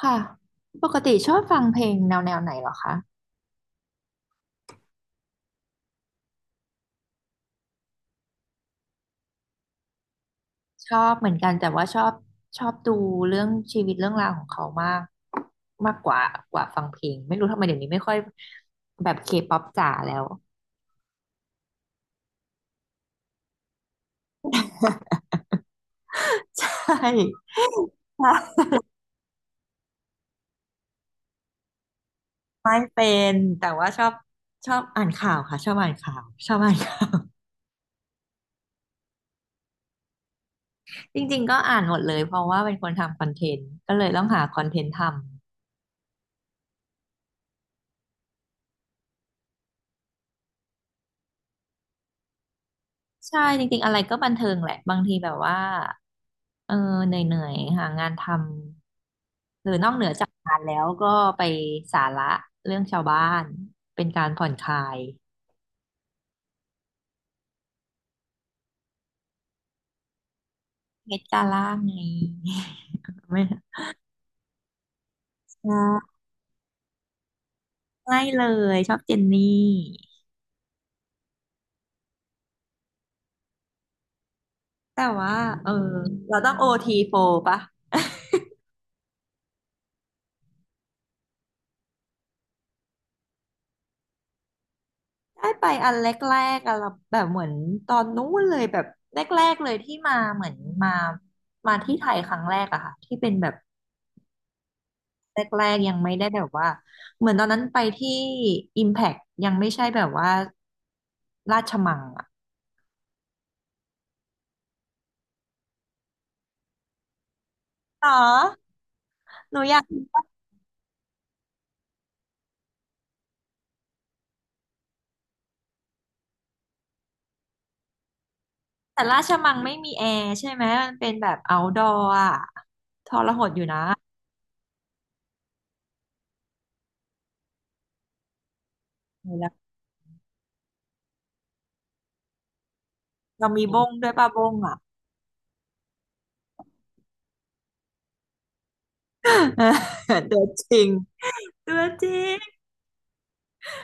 ค่ะปกติชอบฟังเพลงแนวไหนเหรอคะชอบเหมือนกันแต่ว่าชอบดูเรื่องชีวิตเรื่องราวของเขามากมากกว่าฟังเพลงไม่รู้ทำไมเดี๋ยวนี้ไม่ค่อยแบบเคป๊อปจ๋าแล้ว ใช่ใช่ไม่เป็นแต่ว่าชอบอ่านข่าวค่ะชอบอ่านข่าวชอบอ่านข่าวจริงๆก็อ่านหมดเลยเพราะว่าเป็นคนทำคอนเทนต์ก็เลยต้องหาคอนเทนต์ทำ ใช่จริงๆอะไรก็บันเทิงแหละบางทีแบบว่าเออเหนื่อยๆหางานทำหรือนอกเหนือจากงานแล้วก็ไปสาระเรื่องชาวบ้านเป็นการผ่อนคลายเพชรจ้าล่าไง ไม่ใช่ไม่เลยชอบเจนนี่แต่ว่าเออเราต้องโอทีโฟปะได้ไปอันแรกๆอะเราแบบเหมือนตอนนู้นเลยแบบแรกๆเลยที่มาเหมือนมามาที่ไทยครั้งแรกอะค่ะที่เป็นแบบ แรกๆยังไม่ได้แบบว่าเหมือนตอนนั้นไปที่ Impact ยังไม่ใช่แบบว่าราชมังอะอ๋อหนูอยากแต่ราชมังไม่มีแอร์ใช่ไหมมันเป็นแบบ outdoor อะทรหดอยู่นะแล้วเรามีบ้งด้วยป่ะบ้งอะ ตัวจริงตัวจริง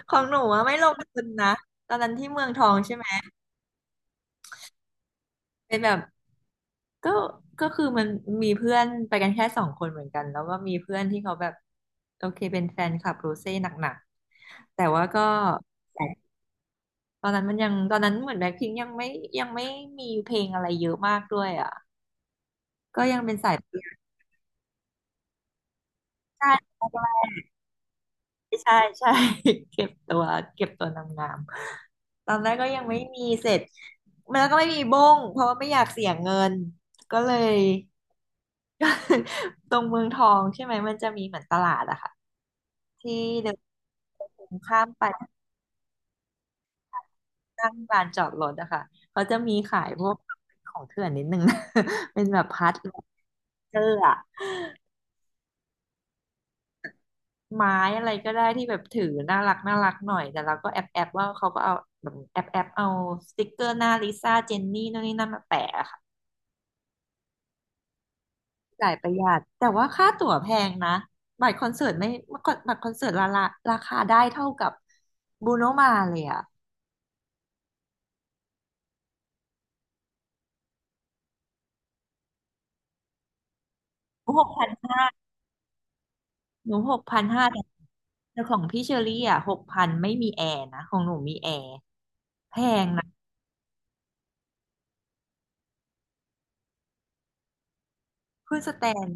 ของหนูอะไม่ลงทุนนะตอนนั้นที่เมืองทองใช่ไหมเป็นแบบ ก็คือมันมีเพื่อนไปกันแค่สองคนเหมือนกันแล้วก็มีเพื่อนที่เขาแบบโอเคเป็นแฟนคลับโรเซ่หนักๆแต่ว่าก็ตอนนั้นมันยังตอนนั้นเหมือนแบล็คพิงค์ยังไม่ยังไม่มีเพลงอะไรเยอะมากด้วยอ่ะก็ยังเป็นสายใช่ใช่ใช่ เก็บตัวเก็บตัวนางงามตอนแรกก็ยังไม่มีเสร็จมันแล้วก็ไม่มีบ้งเพราะว่าไม่อยากเสียเงินก็เลย ตรงเมืองทองใช่ไหมมันจะมีเหมือนตลาดอะค่ะ ที่เดินข้ามไปข้างลานจอดรถอะค่ะเขาจะมีขายพวกของเถื่อนนิดนึงนะ เป็นแบบพัดเจอร์อะไม้อะไรก็ได้ที่แบบถือน่ารักน่ารักหน่อยแต่เราก็แอบว่าเขาก็เอาแบบแอบเอาสติกเกอร์หน้าลิซ่าเจนนี่นู่นนี่นั่นมาแปะอะค่ะจ่ายประหยัดแต่ว่าค่าตั๋วแพงนะ บัตรคอนเสิร์ตไม่บัตรคอนเสิร์ตราคาได้เท่ากับบูโนมาเลยอะโอ้โห หนู6,500แต่ของพี่เชอรี่อ่ะหกพันไม่มีแอร์นะของหนูมีแอร์แพงนะคุณสแตน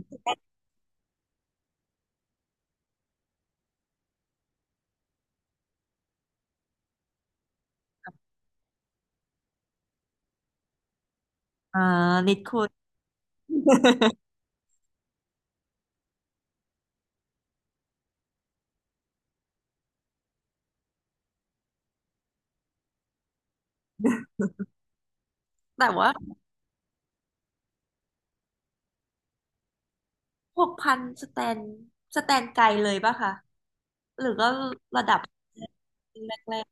เอ่อนิดคุณแต่ว่าหกพันสแตนไกลเลยป่ะคะหรือก็ระดับแรก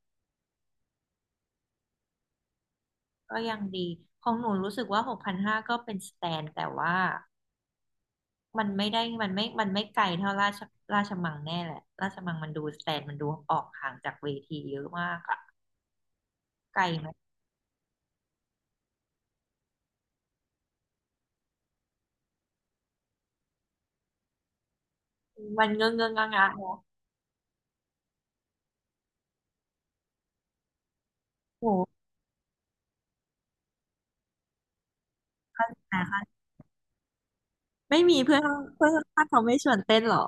ๆก็ยังดีของหนูรู้สึกว่าหกพันห้าก็เป็นสแตนแต่ว่ามันไม่ไกลเท่าราชมังแน่แหละราชมังมันดูสแตนมันดูออกห่างจากเวทีเยอะมากอะไกลไหมมันเงื้องเงื้องงะงะเนอะโห นะคะไม่มีเพื่อนข้างเขาไม่ชวนเต้นหรอ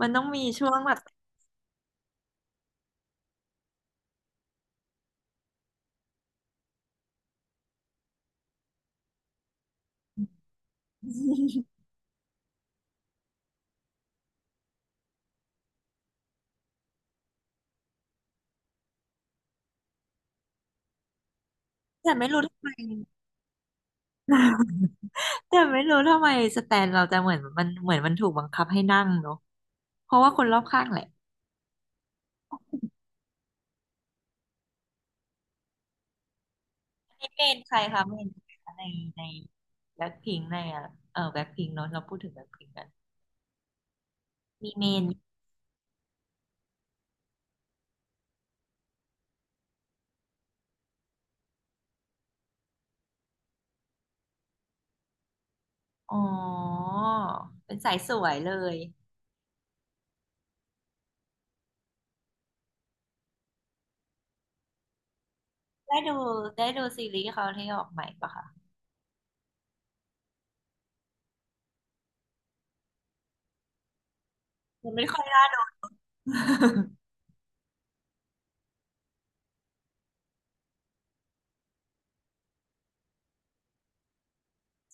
มันต้องมีช่วงแบบ แต่ไม่รู้ทำไม แต่ไม่รู้ทำไมสแตนเราจะเหมือนมันถูกบังคับให้นั่งเนาะเพราะว่าคนรอบข้างแหละนี่เมนใครคะเมนใครคะในในแบ็คพิงในอ่ะเออแบ็คพิงเนาะเราพูดถึงแบ็คพิงกันมีเมนอ๋อเป็นสายสวยเลยได้ดูได้ดูซีรีส์เขาที่ออกใหม่ปะคะมันไม่ค่อยน่าดู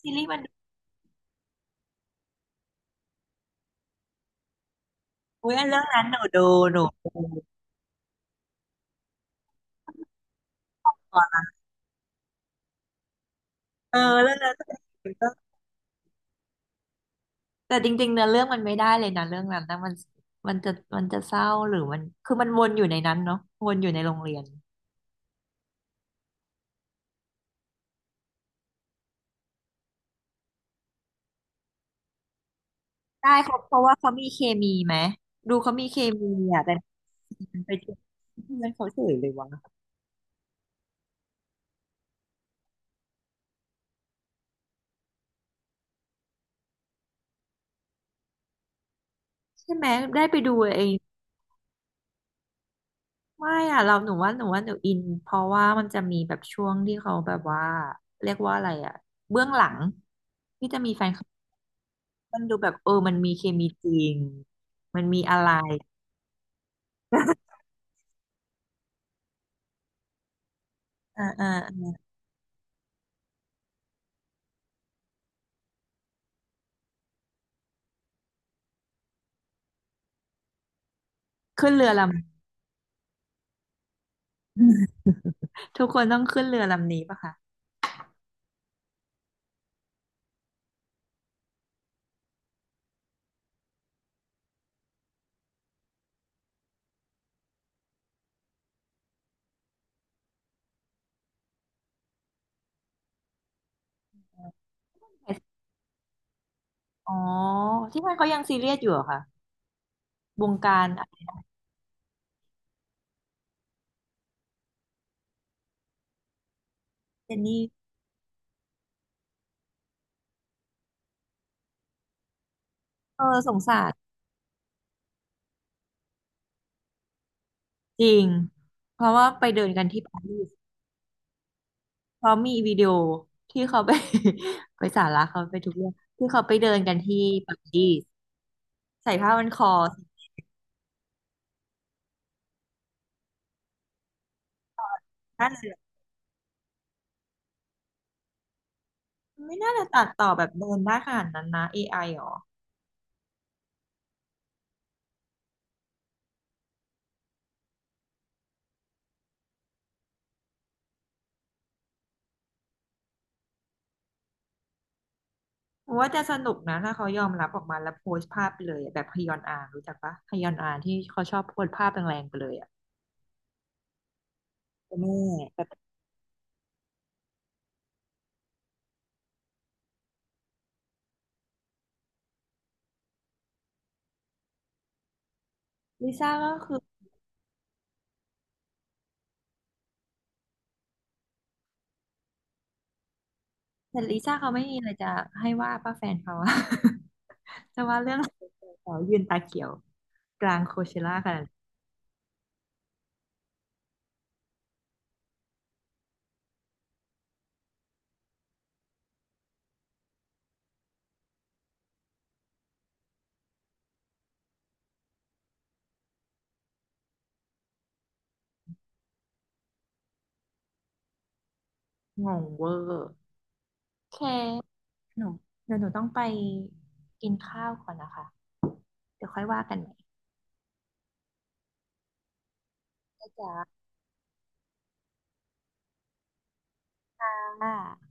ซีรีส์มัน อุ้ยเรื่องนั้นหนูดูหนูดูเออเรื่องนั้นก็แต่จริงๆเนื้อเรื่องมันไม่ได้เลยนะเรื่องนั้นนะมันมันจะมันจะเศร้าหรือมันคือมันวนอยู่ในนั้นเนาะวนอยู่ในโรงเรียนได้เขาเพราะว่าเขามีเคมีไหมดูเขามีเคมีอ่ะแต่มันไปเจอเพื่อนเขาเฉยเลยวะใช่ไหมได้ไปดูเองไม่อ่ะเราหนูว่าหนูอินเพราะว่ามันจะมีแบบช่วงที่เขาแบบว่าเรียกว่าอะไรอ่ะเบื้องหลังที่จะมีแฟน มันดูแบบเออมันมีเคมีจริง มันมีอะไร อ่าอ่าขึ้นเรือลำ ทุกคนต้องขึ้นเรือลำนี้ปะคะอ๋อที่นั่นเขายังซีเรียสอยู่เหรอคะวงการเจนนี่เออสงสารจริงเพราะว่าไปเดินกันที่ปารีสเพราะมีวิดีโอที่เขาไป ไปสาระเขาไปทุกเรื่องที่เขาไปเดินกันที่ปารีสใส่ผ้าพันคอใส่ผ้าเหลืองไม่น่าจะตัดต่อแบบเดินได้ขนาดนั้นนะเอไอหรอ โอ้ว่าจะสนุกนะถ้าเขายอมรับออกมาแล้วโพสต์ภาพไปเลยอะแบบฮยอนอารู้จักปะฮยอนอาที่เขาชอบโพสต์ภาพแรงๆไปเลยอ่ะแม่แบบลิซ่าก็คือแต่ลิซ่าเขาไม่มีอะไรจะให้ว่าป้าแฟนเขาอะ จะว่าเรื่องเขายืนตาเขียวกลางโคเชล่ากันงงเวอร์โอเคหนูเดี๋ยวหนูต้องไปกินข้าวก่อนนะคะเดี๋ยวค่อยว่ากันใหม่จ้า